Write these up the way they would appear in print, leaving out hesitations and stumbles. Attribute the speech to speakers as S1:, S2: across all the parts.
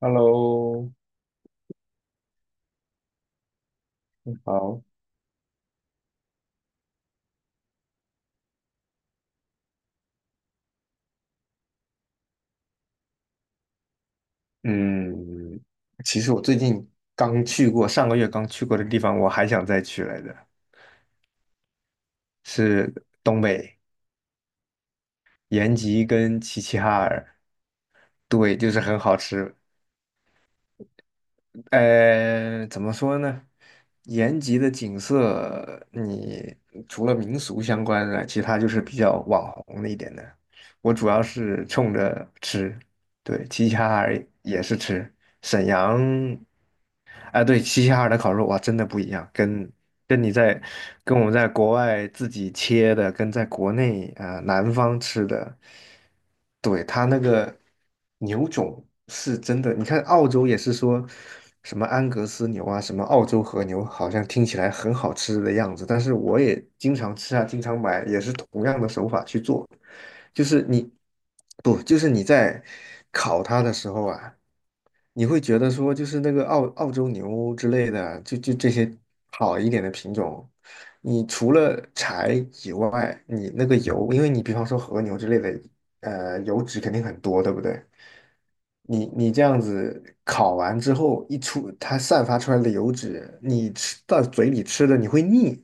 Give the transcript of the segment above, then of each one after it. S1: Hello，好，嗯，其实我最近刚去过，上个月刚去过的地方，我还想再去来着，是东北延吉跟齐齐哈尔，对，就是很好吃。怎么说呢？延吉的景色，你除了民俗相关的，其他就是比较网红的一点的。我主要是冲着吃，对，齐齐哈尔也是吃。沈阳，哎，对，齐齐哈尔的烤肉哇，真的不一样，跟你在跟我们在国外自己切的，跟在国内啊、南方吃的，对，它那个牛种是真的，你看澳洲也是说什么安格斯牛啊，什么澳洲和牛，好像听起来很好吃的样子，但是我也经常吃啊，经常买，也是同样的手法去做，就是你不，就是你在烤它的时候啊。你会觉得说，就是那个澳洲牛之类的，就这些好一点的品种，你除了柴以外，你那个油，因为你比方说和牛之类的，油脂肯定很多，对不对？你这样子烤完之后，一出它散发出来的油脂，你吃到嘴里吃的你会腻，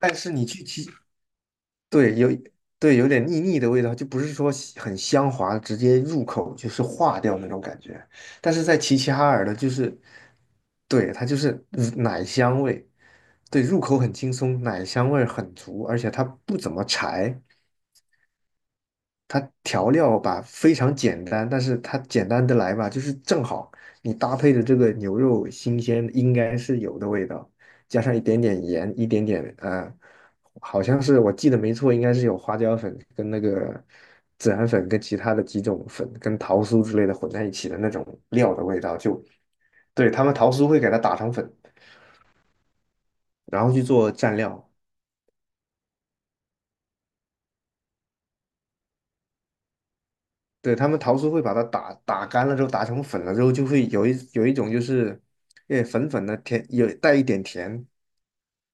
S1: 但是你去吃对，有对有点腻腻的味道，就不是说喜很香滑，直接入口就是化掉那种感觉。但是在齐齐哈尔的，就是对它就是奶香味，对入口很轻松，奶香味儿很足，而且它不怎么柴。它调料吧非常简单，但是它简单的来吧，就是正好你搭配的这个牛肉新鲜应该是有的味道，加上一点点盐，一点点好像是我记得没错，应该是有花椒粉跟那个孜然粉跟其他的几种粉跟桃酥之类的混在一起的那种料的味道，就对他们桃酥会给它打成粉，然后去做蘸料。对，他们桃酥会把它打干了之后，打成粉了之后，就会有一种就是，诶粉粉的甜，有带一点甜，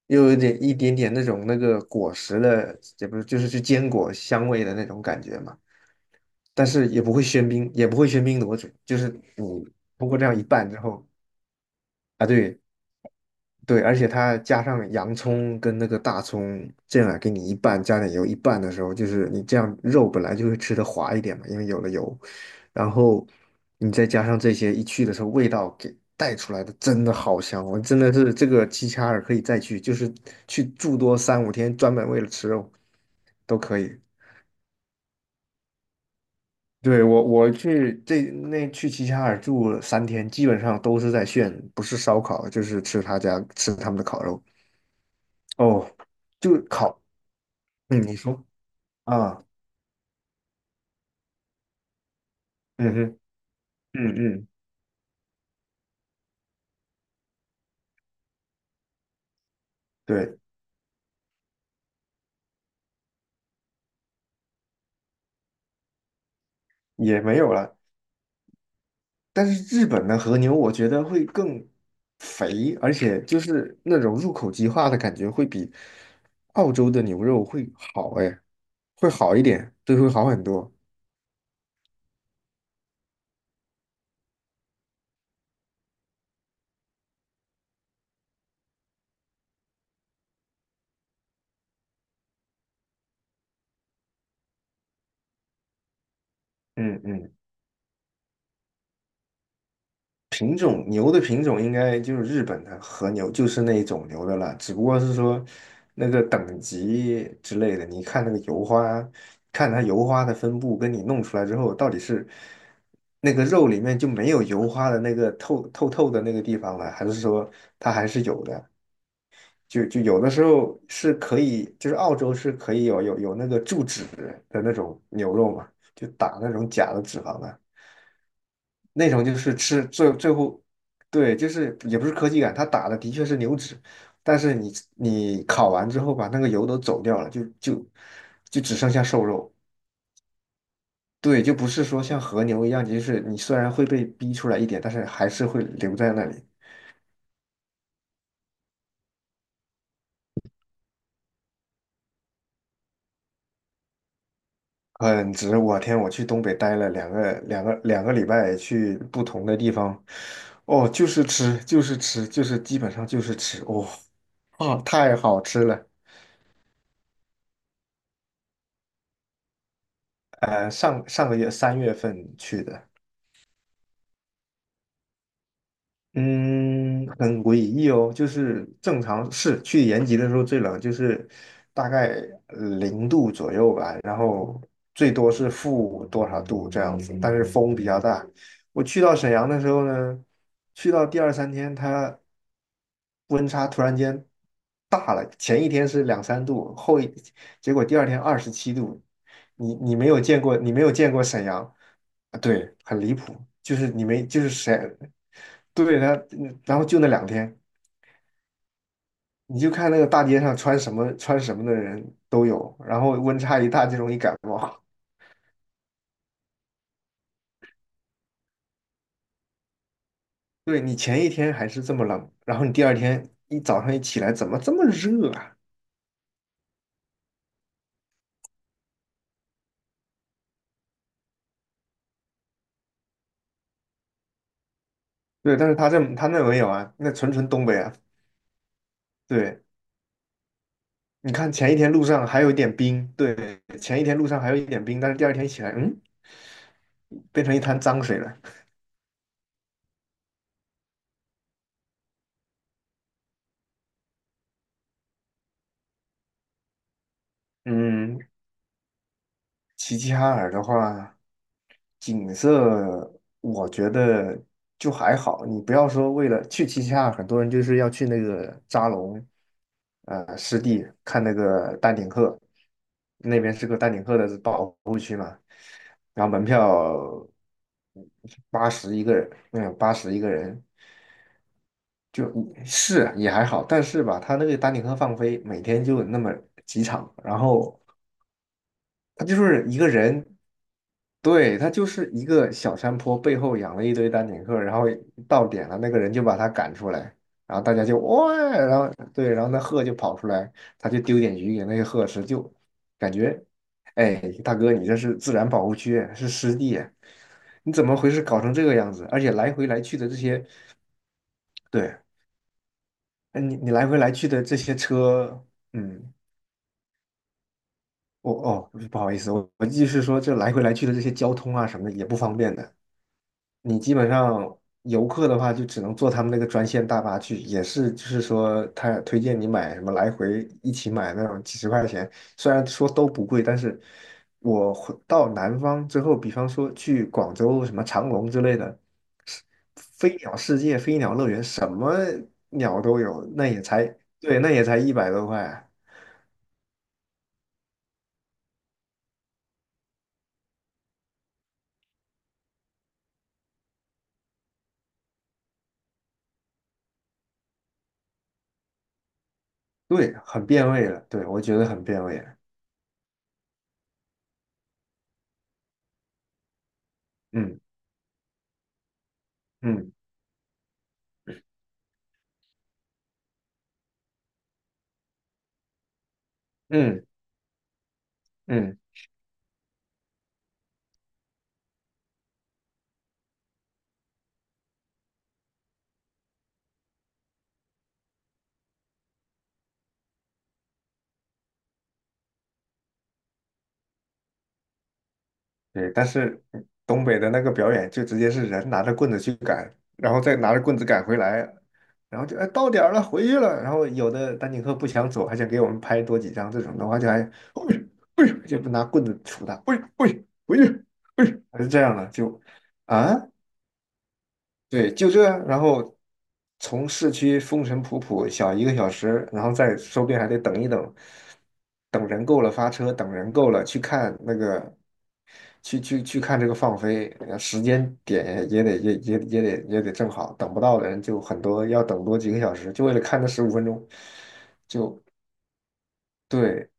S1: 又有一点一点点那种那个果实的，也不是就是是坚果香味的那种感觉嘛。但是也不会喧宾，也不会喧宾夺主，就是你通过这样一拌之后，啊对，对，而且它加上洋葱跟那个大葱，这样给你一半加点油，一半的时候，就是你这样肉本来就会吃的滑一点嘛，因为有了油，然后你再加上这些一去的时候，味道给带出来的真的好香，我真的是这个齐齐哈尔可以再去，就是去住多三五天，专门为了吃肉都可以。对，我去这那去齐齐哈尔住了三天，基本上都是在炫，不是烧烤就是吃他家吃他们的烤肉。哦，就烤嗯，你说啊，嗯哼，嗯嗯，对，也没有了。但是日本的和牛，我觉得会更肥，而且就是那种入口即化的感觉，会比澳洲的牛肉会好，哎，会好一点，对，会好很多。嗯嗯。品种牛的品种应该就是日本的和牛，就是那一种牛的了，只不过是说那个等级之类的，你看那个油花，看它油花的分布，跟你弄出来之后到底是那个肉里面就没有油花的那个透的那个地方了，还是说它还是有的？就就有的时候是可以，就是澳洲是可以有那个注脂的那种牛肉嘛，就打那种假的脂肪的。那种就是吃最后，对，就是也不是科技感，它打的的确是牛脂，但是你烤完之后把那个油都走掉了，就就只剩下瘦肉，对，就不是说像和牛一样，就是你虽然会被逼出来一点，但是还是会留在那里，很值。我天，我去东北待了两个礼拜，去不同的地方，哦，就是吃就是吃就是基本上就是吃，哦哦，太好吃了。上个月3月份去的。嗯，很诡异哦，就是正常是去延吉的时候最冷，就是大概0度左右吧，然后最多是负多少度这样子，但是风比较大。我去到沈阳的时候呢，去到第二三天，它温差突然间大了，前一天是两三度，结果第二天27度，你没有见过，你没有见过沈阳。啊对，很离谱，就是你没，就是沈对他，然后就那两天，你就看那个大街上穿什么穿什么的人都有，然后温差一大就容易感冒。对你前一天还是这么冷，然后你第二天一早上一起来，怎么这么热啊？对，但是他这他那没有啊，那纯纯东北啊。对，你看前一天路上还有一点冰，对，前一天路上还有一点冰，但是第二天一起来，嗯，变成一滩脏水了。嗯，齐齐哈尔的话，景色我觉得就还好。你不要说为了去齐齐哈尔，很多人就是要去那个扎龙，湿地看那个丹顶鹤，那边是个丹顶鹤的保护区嘛，然后门票八十一个人，嗯，八十一个人，就是也还好，但是吧，他那个丹顶鹤放飞，每天就那么几场，然后他就是一个人。对，他就是一个小山坡背后养了一堆丹顶鹤，然后到点了，那个人就把他赶出来，然后大家就哇，然后对，然后那鹤就跑出来，他就丢点鱼给那些鹤吃，就感觉，哎，大哥，你这是自然保护区，是湿地，你怎么回事搞成这个样子？而且来回来去的这些，对，哎你来回来去的这些车，嗯，哦，不好意思，我继续说，这来回来去的这些交通啊什么的也不方便的。你基本上游客的话，就只能坐他们那个专线大巴去，也是就是说，他推荐你买什么来回一起买那种几十块钱，虽然说都不贵，但是我回到南方之后，比方说去广州什么长隆之类的，是飞鸟世界、飞鸟乐园，什么鸟都有，那也才对，那也才100多块，对，很变味了，对，我觉得很变味了，嗯嗯嗯嗯。对，但是嗯东北的那个表演就直接是人拿着棍子去赶，然后再拿着棍子赶回来，然后就哎到点儿了回去了，然后有的丹顶鹤不想走，还想给我们拍多几张，这种的话就还，哎呦哎呦，就拿棍子杵他，喂喂回去，喂，哎呦还是这样的就啊。对，就这，然后从市区风尘仆仆小一个小时，然后再说不定还得等一等，等人够了发车，等人够了去看那个，去看这个放飞，时间点也得也也也得也得正好，等不到的人就很多，要等多几个小时，就为了看那15分钟，就对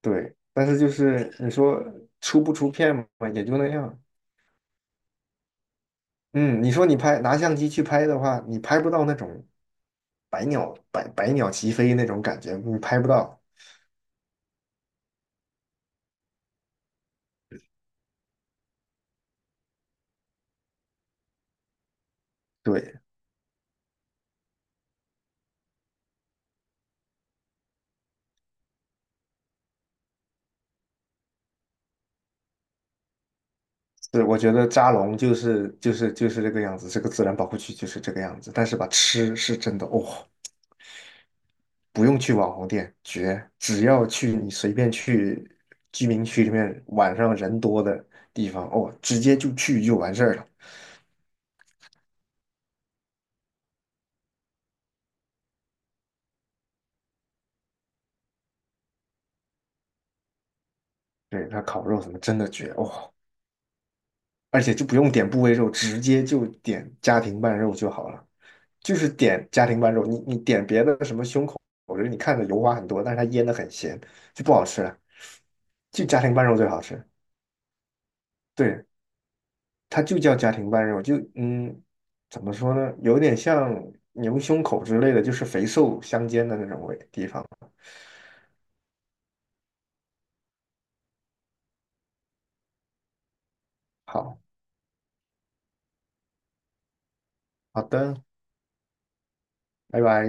S1: 对，但是就是你说出不出片嘛，也就那样，嗯，你说你拿相机去拍的话，你拍不到那种百鸟齐飞那种感觉，你拍不到。对，对，我觉得扎龙就是这个样子，这个自然保护区就是这个样子。但是吧，吃是真的哦，不用去网红店，绝！只要去你随便去居民区里面晚上人多的地方，哦，直接就去就完事儿了。对，它烤肉什么真的绝哦，而且就不用点部位肉，直接就点家庭拌肉就好了。就是点家庭拌肉，你点别的什么胸口，我觉得你看着油花很多，但是它腌的很咸，就不好吃了。就家庭拌肉最好吃，对，它就叫家庭拌肉，就嗯，怎么说呢，有点像牛胸口之类的，就是肥瘦相间的那种味地方。好，好的，拜拜。